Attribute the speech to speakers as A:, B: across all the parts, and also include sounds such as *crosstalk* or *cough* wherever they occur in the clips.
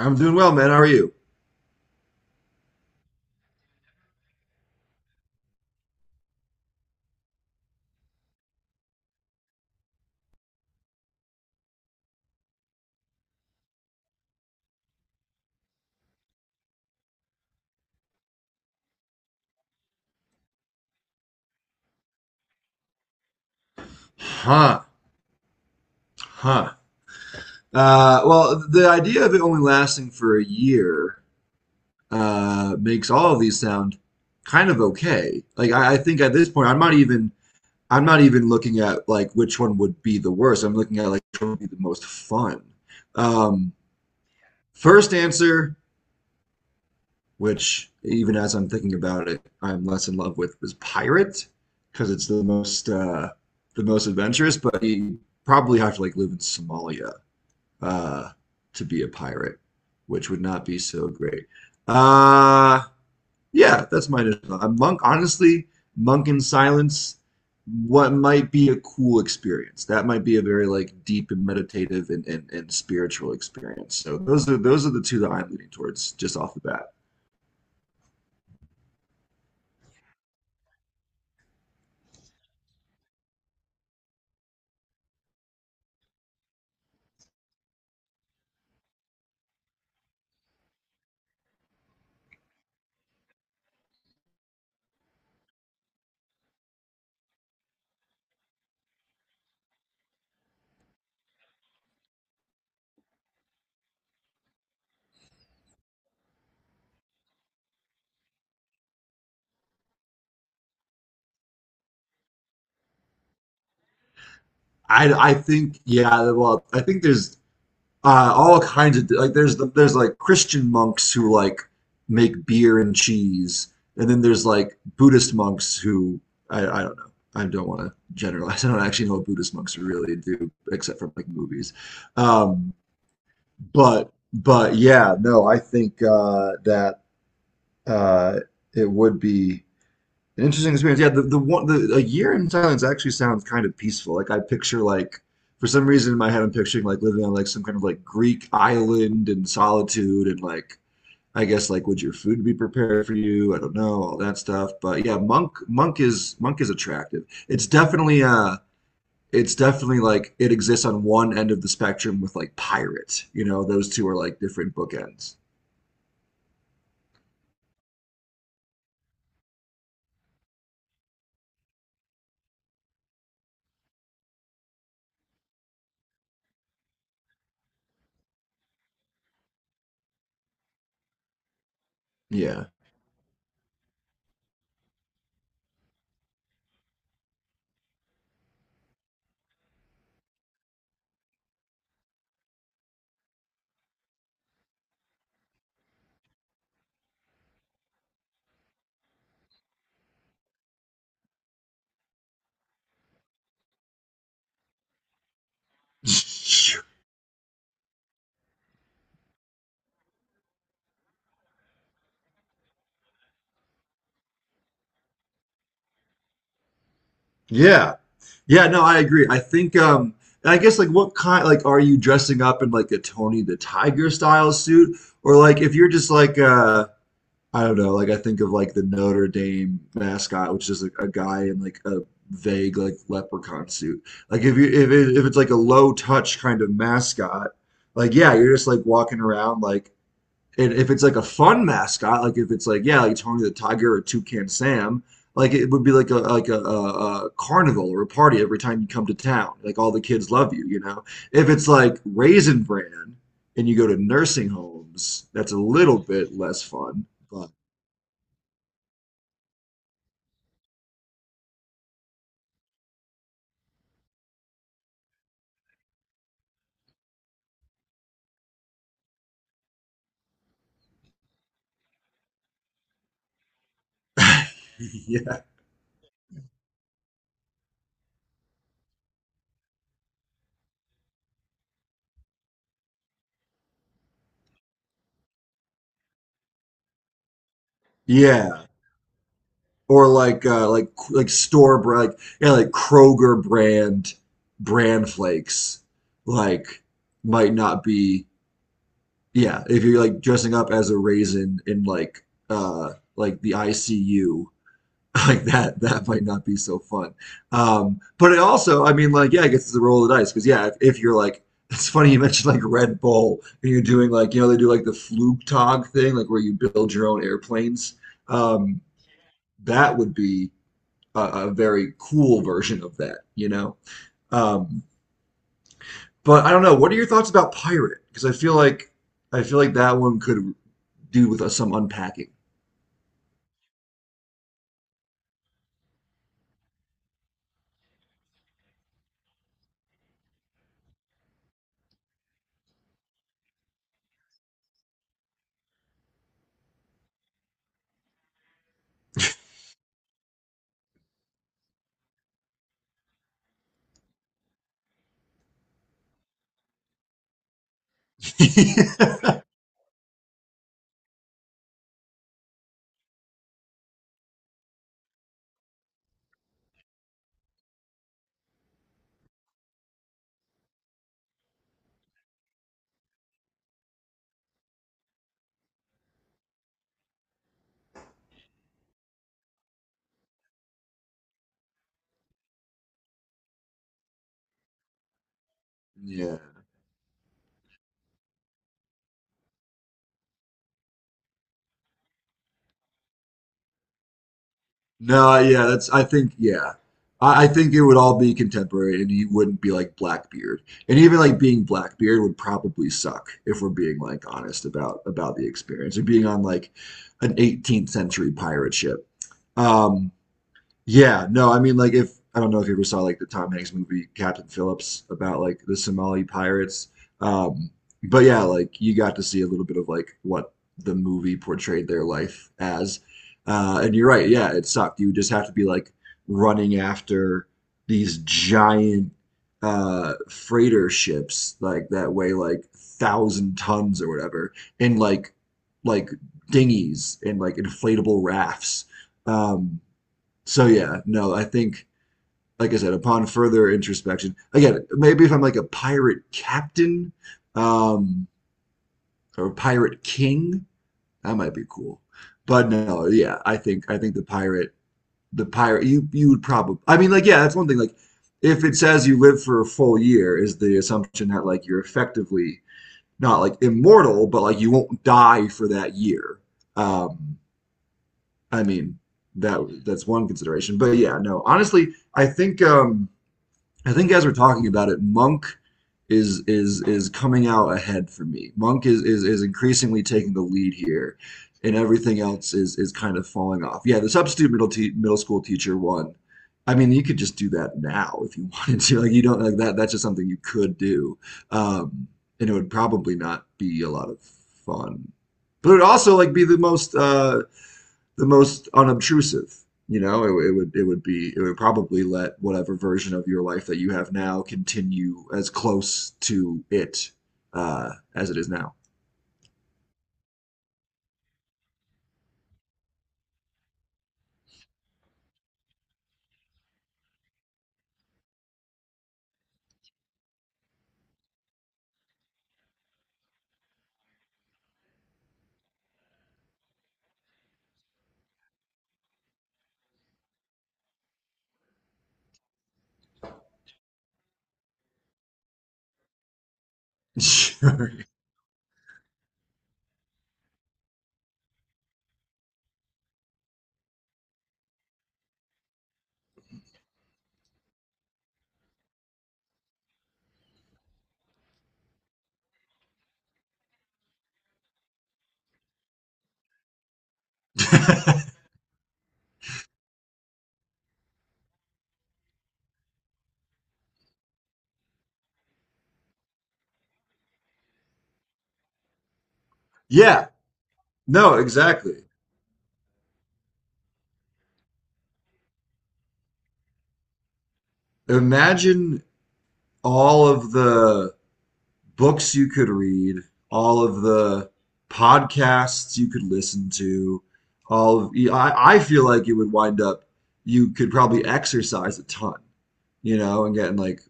A: I'm doing well, man. How are you? Huh. Huh. Well, the idea of it only lasting for a year makes all of these sound kind of okay. Like I think at this point, I'm not even looking at like which one would be the worst. I'm looking at like which one would be the most fun. Um, first answer, which even as I'm thinking about it, I'm less in love with, was pirate because it's the most adventurous. But you probably have to like live in Somalia uh, to be a pirate, which would not be so great. Uh, yeah, that's my initial. A monk, honestly, monk in silence. What might be a cool experience? That might be a very like deep and meditative and spiritual experience. So those are the two that I'm leaning towards just off the bat. I think yeah well I think there's all kinds of like there's like Christian monks who like make beer and cheese, and then there's like Buddhist monks who I don't know. I don't want to generalize. *laughs* I don't actually know what Buddhist monks really do, except for like movies. Um, but yeah, no, I think that uh, it would be an interesting experience. Yeah, the a year in Thailand actually sounds kind of peaceful. Like I picture like for some reason in my head I'm picturing like living on like some kind of like Greek island in solitude and like I guess like would your food be prepared for you? I don't know, all that stuff. But yeah, monk is attractive. It's definitely like it exists on one end of the spectrum with like pirate. You know, those two are like different bookends. Yeah. *laughs* Yeah. Yeah, no, I agree. I think and I guess like what kind like are you dressing up in like a Tony the Tiger style suit or like if you're just like I don't know, like I think of like the Notre Dame mascot which is like a guy in like a vague like leprechaun suit. Like if it's like a low touch kind of mascot, like yeah, you're just like walking around like and if it's like a fun mascot, like if it's like yeah, like Tony the Tiger or Toucan Sam, like it would be like a carnival or a party every time you come to town. Like all the kids love you, you know. If it's like Raisin Bran and you go to nursing homes, that's a little bit less fun. But *laughs* yeah. Yeah, or like like store brand, like yeah, like Kroger brand flakes, like might not be. Yeah, if you're like dressing up as a raisin in like the ICU, *laughs* like that that might not be so fun. But it also, I mean, like yeah, I guess it's a roll of the dice because yeah, if you're like *laughs* it's funny you mentioned like Red Bull and you're doing like you know they do like the Flugtag thing like where you build your own airplanes. Um, that would be a very cool version of that, you know. Um, but I don't know. What are your thoughts about pirate? Because I feel like that one could do with some unpacking. *laughs* Yeah. No, yeah, that's I think yeah. I think it would all be contemporary and you wouldn't be like Blackbeard. And even like being Blackbeard would probably suck if we're being like honest about the experience of being on like an 18th century pirate ship. Um. Yeah, no, I mean like if I don't know if you ever saw like the Tom Hanks movie Captain Phillips about like the Somali pirates. Um, but yeah, like you got to see a little bit of like what the movie portrayed their life as. And you're right, yeah, it sucked. You just have to be like running after these giant freighter ships like that weigh like thousand tons or whatever, and like dinghies and like inflatable rafts. Um so yeah, no, I think like I said, upon further introspection, again, maybe if I'm like a pirate captain um, or a pirate king, that might be cool. But no, yeah, I think the pirate, you would probably, I mean, like yeah, that's one thing. Like if it says you live for a full year, is the assumption that like you're effectively not like immortal, but like you won't die for that year. Um, I mean, that that's one consideration. But yeah, no, honestly, I think. I think as we're talking about it, Monk is coming out ahead for me. Monk is increasingly taking the lead here, and everything else is kind of falling off. Yeah, the substitute middle school teacher one. I mean, you could just do that now if you *laughs* wanted to. Like you don't like that. That's just something you could do, um, and it would probably not be a lot of fun. But it would also like be the most unobtrusive. You know, it would probably let whatever version of your life that you have now continue as close to it uh, as it is now. Sure. *laughs* Yeah, no, exactly. Imagine all of the books you could read, all of the podcasts you could listen to, I feel like it would wind up, you could probably exercise a ton, you know, and getting like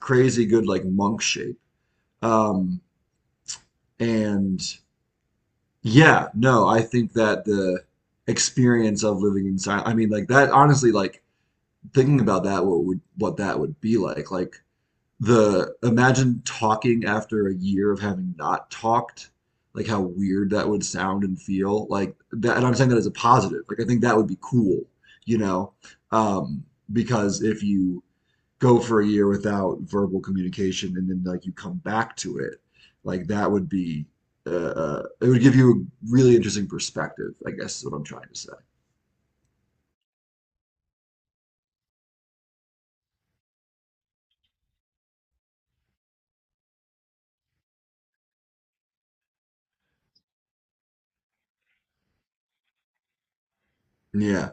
A: crazy good like monk shape. Um, and yeah, no, I think that the experience of living in silence. I mean, like that. Honestly, like thinking about that, what would what that would be like? Like the imagine talking after a year of having not talked. Like how weird that would sound and feel. Like that, and I'm saying that as a positive. Like I think that would be cool, you know, um, because if you go for a year without verbal communication and then like you come back to it like that would be uh, it would give you a really interesting perspective I guess is what I'm trying to say. Yeah,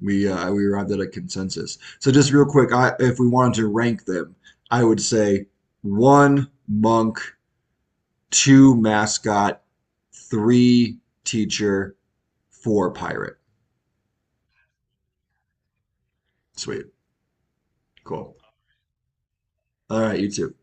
A: we arrived at a consensus, so just real quick, I if we wanted to rank them I would say one monk, two mascot, three teacher, four pirate. Sweet. Cool. All right, you too.